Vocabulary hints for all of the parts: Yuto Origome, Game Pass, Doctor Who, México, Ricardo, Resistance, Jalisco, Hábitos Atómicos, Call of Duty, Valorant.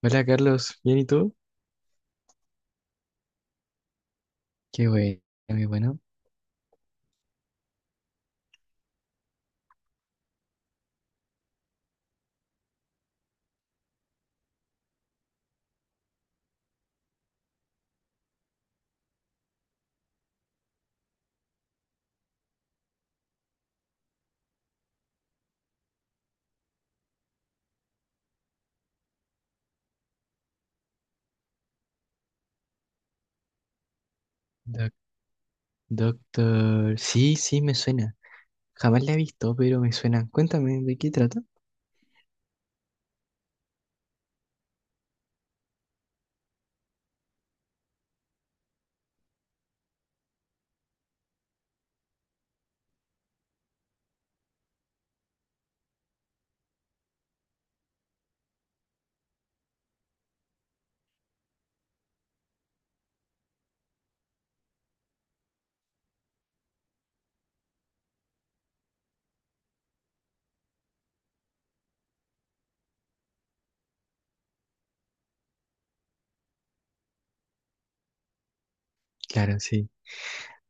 Hola Carlos, ¿bien y tú? Qué bueno, qué bueno. Doc- doctor, sí, sí, me suena. Jamás la he visto, pero me suena. Cuéntame, ¿de qué trata? Claro, sí.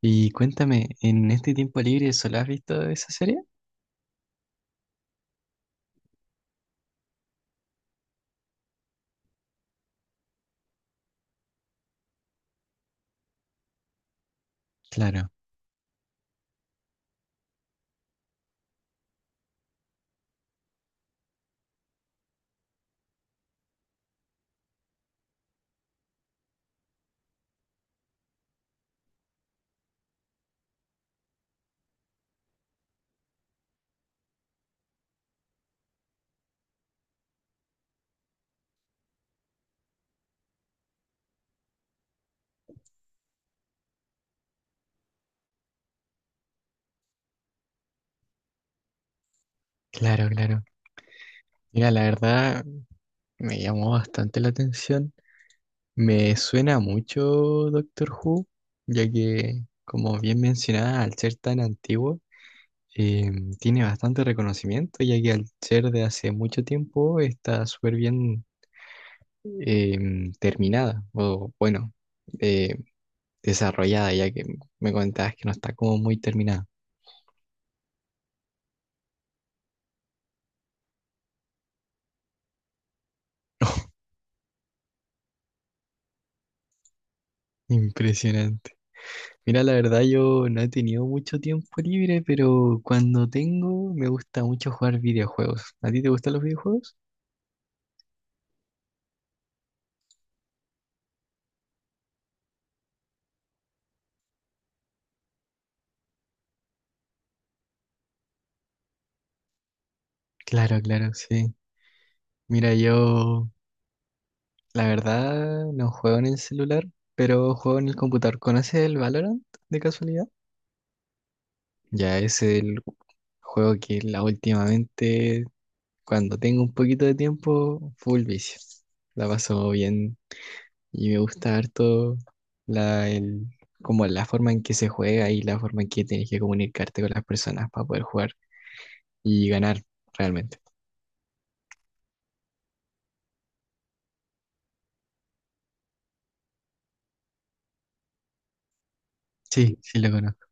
Y cuéntame, ¿en este tiempo libre solo has visto esa serie? Claro, claro, claro. Mira, la verdad me llamó bastante la atención. Me suena mucho Doctor Who, ya que, como bien mencionaba, al ser tan antiguo, eh, tiene bastante reconocimiento, ya que al ser de hace mucho tiempo está súper bien terminada, o bueno, eh, desarrollada, ya que me comentabas que no está como muy terminada. Impresionante. Mira, la verdad yo no he tenido mucho tiempo libre, pero cuando tengo me gusta mucho jugar videojuegos. ¿A ti te gustan los videojuegos? Claro, claro, sí. Mira, yo la verdad no juego en el celular, pero juego en el computador. ¿Conoces el Valorant de casualidad? Ya ese es el juego que la últimamente, cuando tengo un poquito de tiempo, full vicio. La paso bien y me gusta harto la, el, como la forma en que se juega y la forma en que tienes que comunicarte con las personas para poder jugar y ganar realmente. Sí, sí lo conozco.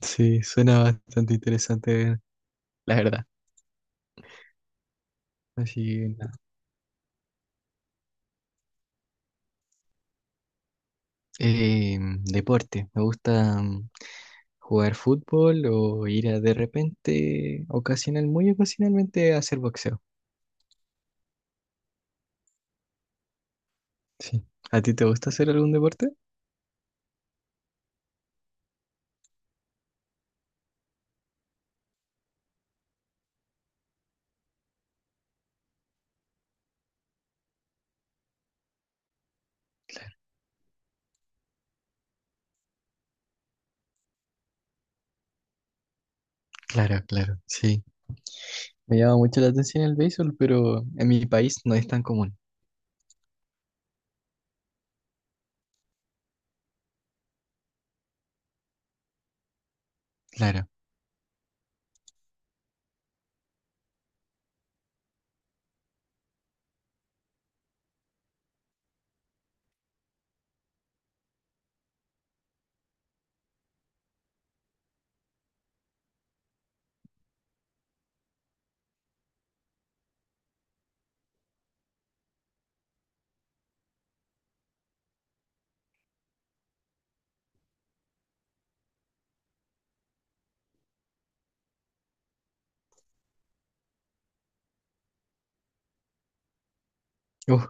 Sí, suena bastante interesante, la verdad. Así que nada. Deporte, me gusta. Jugar fútbol o ir a de repente, ocasional, muy ocasionalmente, a hacer boxeo. Sí. ¿A ti te gusta hacer algún deporte? Claro, claro, sí. Me llama mucho la atención el béisbol, pero en mi país no es tan común. Claro. Uf,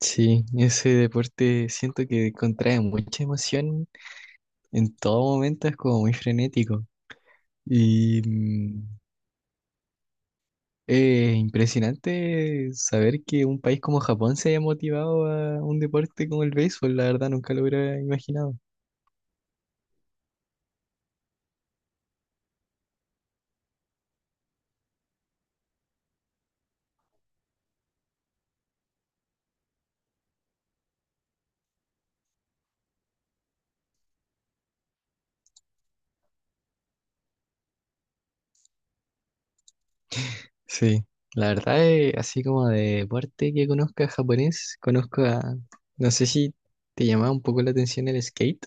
sí, ese deporte siento que contrae mucha emoción en todo momento, es como muy frenético. Y es impresionante saber que un país como Japón se haya motivado a un deporte como el béisbol, la verdad nunca lo hubiera imaginado. Sí, la verdad es así como de parte que conozca japonés, conozco a, no sé si te llamaba un poco la atención el skate.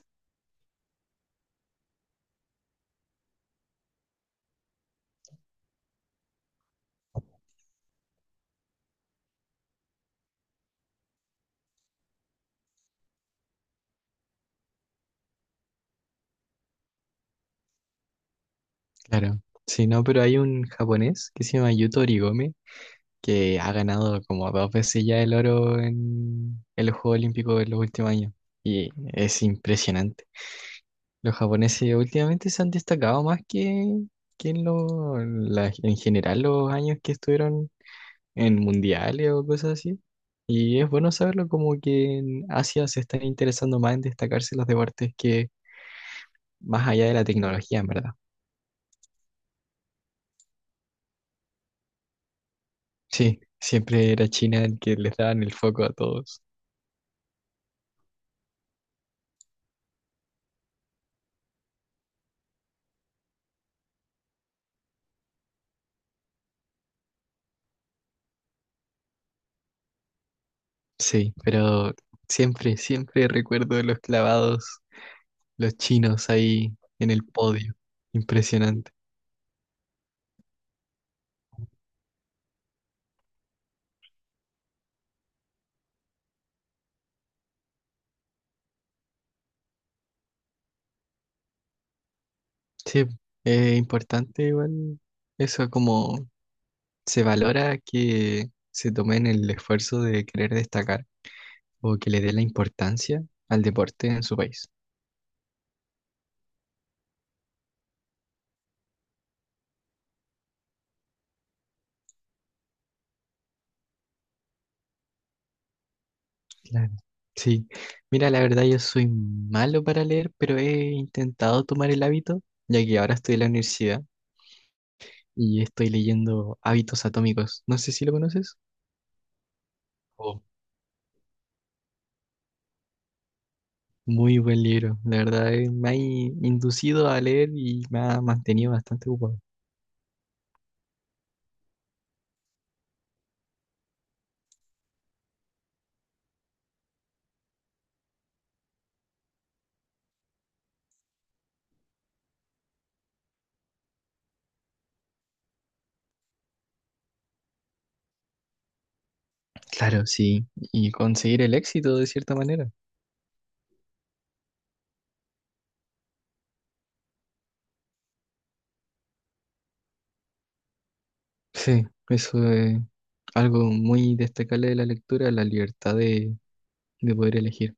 Claro. Sí, no, pero hay un japonés que se llama Yuto Origome que ha ganado como 2 veces ya el oro en el Juego Olímpico en los últimos años y es impresionante. Los japoneses últimamente se han destacado más que en, lo- en la- en general los años que estuvieron en mundiales o cosas así. Y es bueno saberlo como que en Asia se están interesando más en destacarse los deportes que más allá de la tecnología, en verdad. Sí, siempre era China el que les daban el foco a todos. Sí, pero siempre, siempre recuerdo los clavados, los chinos ahí en el podio. Impresionante. Sí, es importante igual eso como se valora que se tomen el esfuerzo de querer destacar o que le dé la importancia al deporte en su país. Claro. Sí, mira, la verdad yo soy malo para leer, pero he intentado tomar el hábito, ya que ahora estoy en la universidad y estoy leyendo Hábitos Atómicos. No sé si lo conoces. Oh. Muy buen libro, la verdad me ha inducido a leer y me ha mantenido bastante ocupado. Claro, sí, y conseguir el éxito de cierta manera. Sí, eso es algo muy destacable de la lectura, la libertad de poder elegir.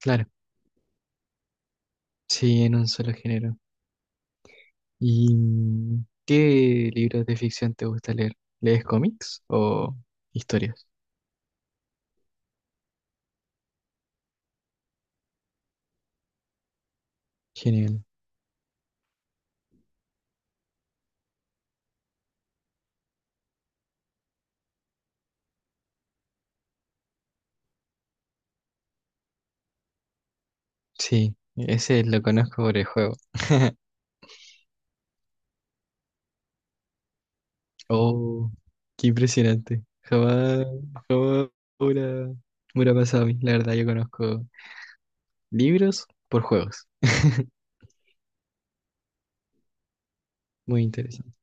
Claro. Sí, en un solo género. ¿Y qué libros de ficción te gusta leer? ¿Lees cómics o historias? Genial. Sí, ese lo conozco por el juego. Oh, qué impresionante. Jamás, jamás me hubiera me hubiera pasado a mí. La verdad, yo conozco libros por juegos. Muy interesante.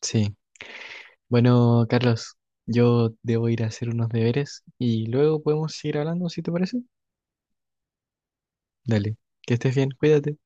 Sí. Bueno, Carlos, yo debo ir a hacer unos deberes y luego podemos seguir hablando, si te parece. Dale, que estés bien, cuídate.